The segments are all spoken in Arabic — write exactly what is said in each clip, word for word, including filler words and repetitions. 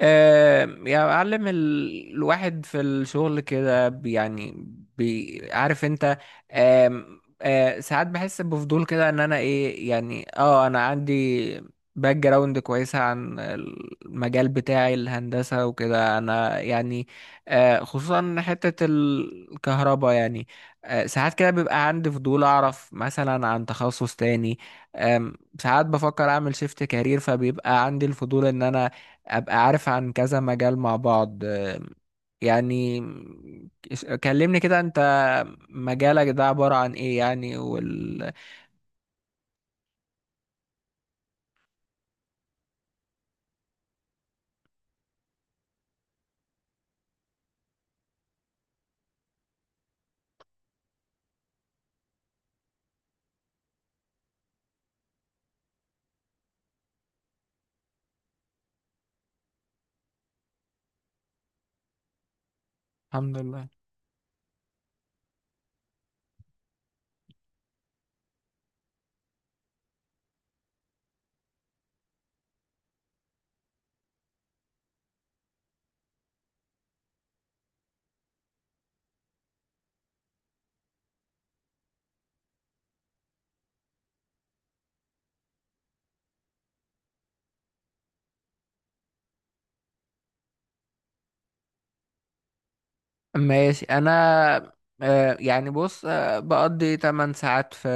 آه، يعني أعلم ال- الواحد في الشغل كده، بي- يعني بي عارف أنت. آم، آه، ساعات بحس بفضول كده، إن أنا إيه يعني، أه أنا عندي باك جراوند كويسة عن المجال بتاعي، الهندسة وكده. أنا يعني آه، خصوصا حتة الكهرباء يعني. آه، ساعات كده بيبقى عندي فضول أعرف مثلا عن تخصص تاني. آم، ساعات بفكر أعمل شيفت كارير، فبيبقى عندي الفضول إن أنا ابقى عارف عن كذا مجال مع بعض. آه، يعني كلمني كده انت، مجالك ده عبارة عن ايه يعني؟ وال الحمد لله. ماشي انا آه، يعني بص، آه، بقضي ثماني ساعات في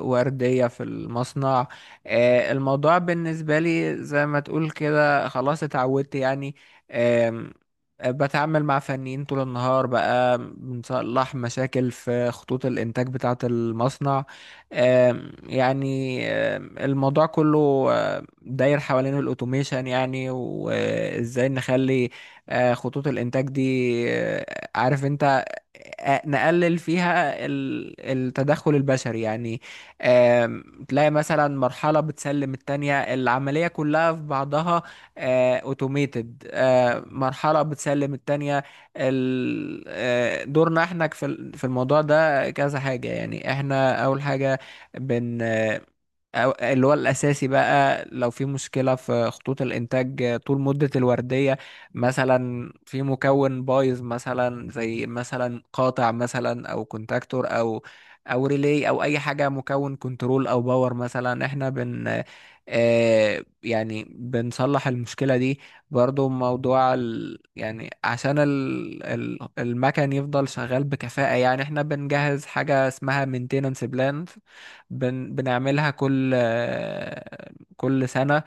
وردية في المصنع. آه، الموضوع بالنسبة لي زي ما تقول كده، خلاص اتعودت يعني. آم، آه، بتعامل مع فنيين طول النهار، بقى بنصلح مشاكل في خطوط الإنتاج بتاعة المصنع. آم، يعني آم، الموضوع كله آه، داير حوالين الأوتوميشن، يعني وإزاي نخلي آه، خطوط الإنتاج دي آه، عارف انت آه، آه، نقلل فيها ال- التدخل البشري يعني. آم، تلاقي مثلا مرحلة بتسلم التانية، العملية كلها في بعضها اوتوميتد. مرحلة بتسلم التانية ال- آه، دورنا احنا في ال- في الموضوع ده كذا حاجة يعني. احنا اول حاجة، بن أو- اللي هو الأساسي بقى، لو في مشكلة في خطوط الإنتاج طول مدة الوردية، مثلا في مكون بايظ، مثلا زي مثلا قاطع، مثلا أو كونتاكتور، أو أو ريلي أو أي حاجة، مكون كنترول أو باور مثلا، إحنا بن آه يعني بنصلح المشكلة دي. برضو موضوع ال يعني عشان ال ال المكن يفضل شغال بكفاءة، يعني إحنا بنجهز حاجة اسمها maintenance plan. بن بنعملها كل آه، كل سنة،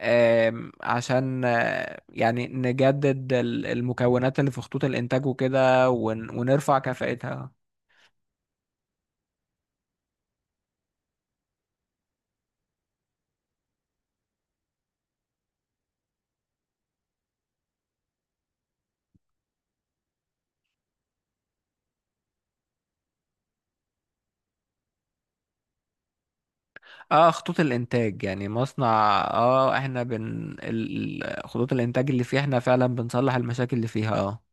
آم، عشان آه، يعني نجدد ال- المكونات اللي في خطوط الإنتاج وكده، ون- ونرفع كفاءتها. اه، خطوط الإنتاج يعني مصنع. اه احنا بن ال- ال- خطوط الإنتاج اللي فيها احنا فعلا بنصلح المشاكل اللي فيها. اه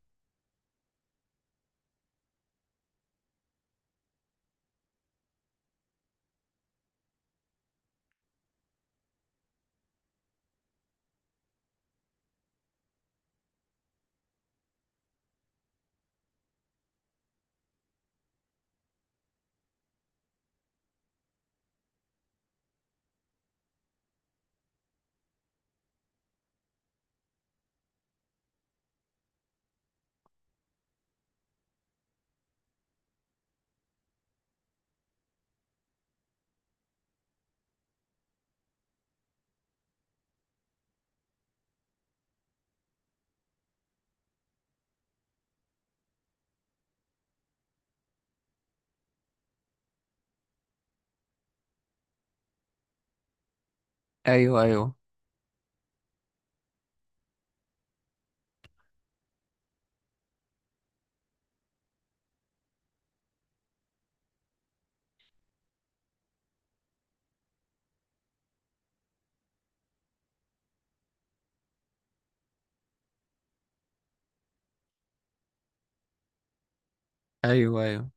ايوه، ايوه، ايوه، ايوه.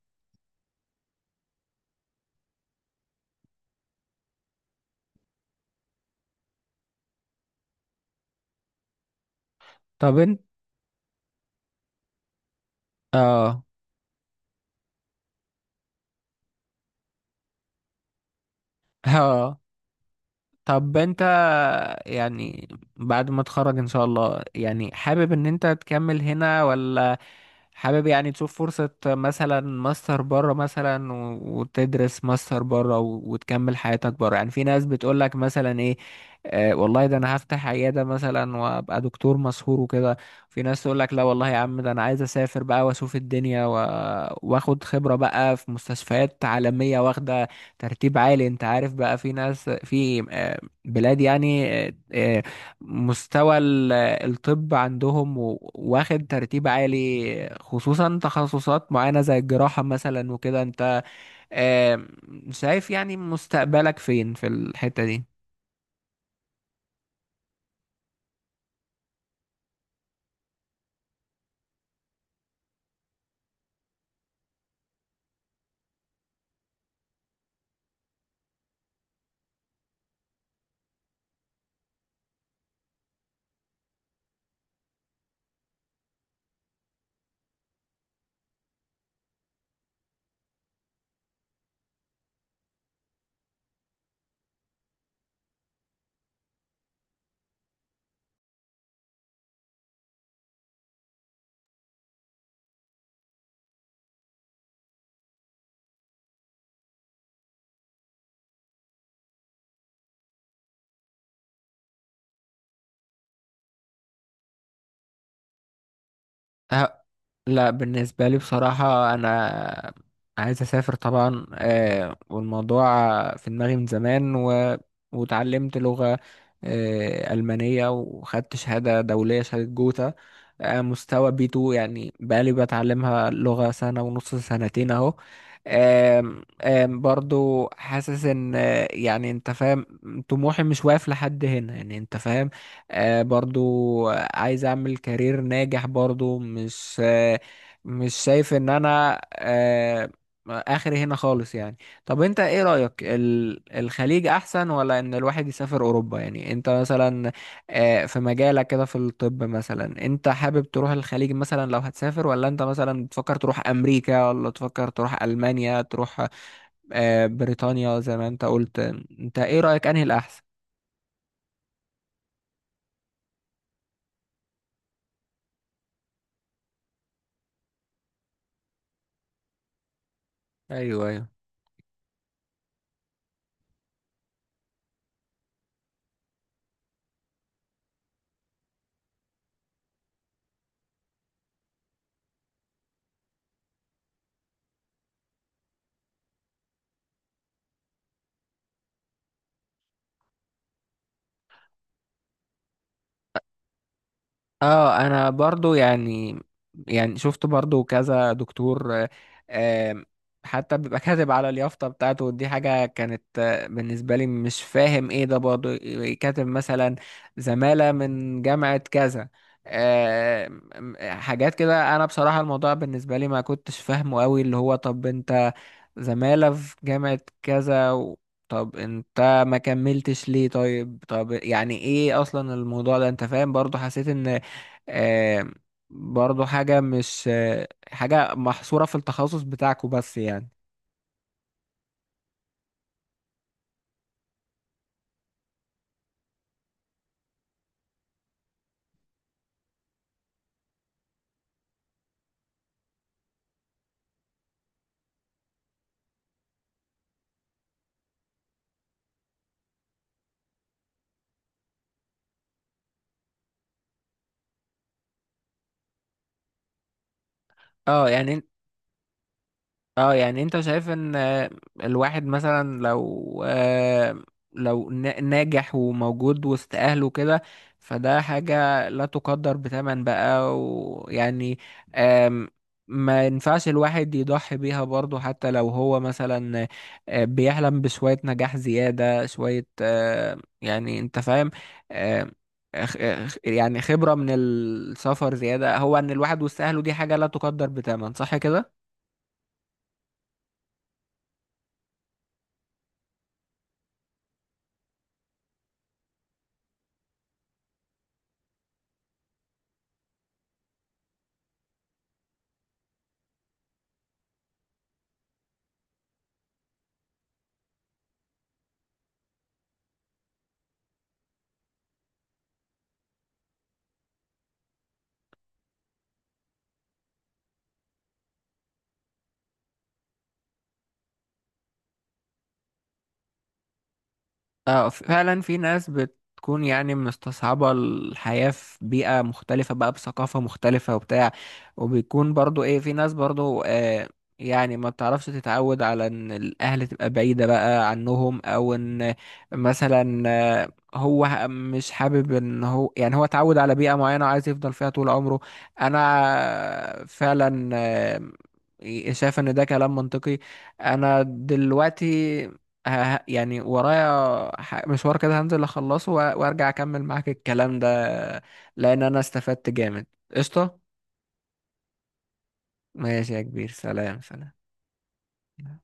طب انت اه اه طب انت، يعني بعد ما تخرج ان شاء الله، يعني حابب ان انت تكمل هنا، ولا حابب يعني تشوف فرصة مثلا ماستر بره مثلا، و- وتدرس ماستر بره، و- وتكمل حياتك بره؟ يعني في ناس بتقولك مثلا ايه، آه والله ده انا هفتح عيادة مثلا وابقى دكتور مشهور وكده. في ناس تقولك لا والله يا عم، ده انا عايز اسافر بقى واشوف الدنيا و... واخد خبرة بقى في مستشفيات عالمية واخدة ترتيب عالي، انت عارف، بقى في ناس في آه، بلاد يعني آه، آه، مستوى الطب عندهم و- واخد ترتيب عالي، خصوصا تخصصات معينة زي الجراحة مثلا وكده. انت آم، شايف يعني مستقبلك فين في الحتة دي؟ لا، بالنسبة لي بصراحة أنا عايز أسافر طبعا. آه، والموضوع في دماغي من زمان، و... وتعلمت لغة آه، ألمانية، وخدت شهادة دولية، شهادة جوتا، آه، مستوى بي تو، يعني بقالي بتعلمها لغة سنة ونص، سنتين أهو. آم، آم، برضو حاسس ان آه، يعني انت فاهم، طموحي مش واقف لحد هنا، يعني انت فاهم. آه، برضو عايز اعمل كارير ناجح، برضو مش مش شايف ان انا آه، اخري هنا خالص يعني. طب انت ايه رأيك، ال- الخليج احسن، ولا ان الواحد يسافر اوروبا؟ يعني انت مثلا، آه، في مجالك كده في الطب مثلا، انت حابب تروح الخليج مثلا لو هتسافر، ولا انت مثلا بتفكر تروح امريكا، ولا تفكر تروح المانيا، تروح آه، بريطانيا زي ما انت قلت؟ انت ايه رأيك انهي الاحسن؟ ايوه، ايوه. اه انا برضو يعني، يعني شفت برضو كذا دكتور آه، آم، حتى بيبقى كاتب على اليافطة بتاعته، ودي حاجة كانت آه، بالنسبة لي مش فاهم ايه ده برضو. كاتب مثلا زمالة من جامعة كذا، آم، آم، حاجات كده. انا بصراحة الموضوع بالنسبة لي ما كنتش فاهمه قوي، اللي هو طب انت زمالة في جامعة كذا و... طب انت ما كملتش ليه؟ طيب، طب يعني ايه اصلا الموضوع ده؟ انت فاهم؟ برضو حسيت ان آه، برضو حاجة مش آه، حاجة محصورة في التخصص بتاعكوا بس يعني. اه يعني. اه يعني انت شايف ان آه، الواحد مثلا لو آه، لو نا- ناجح وموجود وسط اهله كده، فده حاجة لا تقدر بثمن بقى، ويعني آم، ما ينفعش الواحد يضحي بيها برضه، حتى لو هو مثلا آه، بيحلم بشوية نجاح زيادة، شوية آه، يعني انت فاهم، آه، خ- خ- يعني خبرة من السفر زيادة. هو ان الواحد وسط اهله دي حاجة لا تقدر بثمن، صح كده؟ اه فعلا، في ناس بتكون يعني مستصعبة الحياة في بيئة مختلفة، بقى بثقافة مختلفة وبتاع، وبيكون برضو ايه، في ناس برضو آه يعني ما بتعرفش تتعود على ان الاهل تبقى بعيدة بقى عنهم، او ان مثلا آه، هو ه- مش حابب، ان هو يعني هو اتعود على بيئة معينة وعايز يفضل فيها طول عمره. انا فعلا آه، شايف ان ده كلام منطقي. انا دلوقتي ه- يعني ورايا ح- مشوار كده، هنزل اخلصه و- وارجع اكمل معاك الكلام ده، لان انا استفدت جامد. قشطة. ماشي يا كبير، سلام، سلام.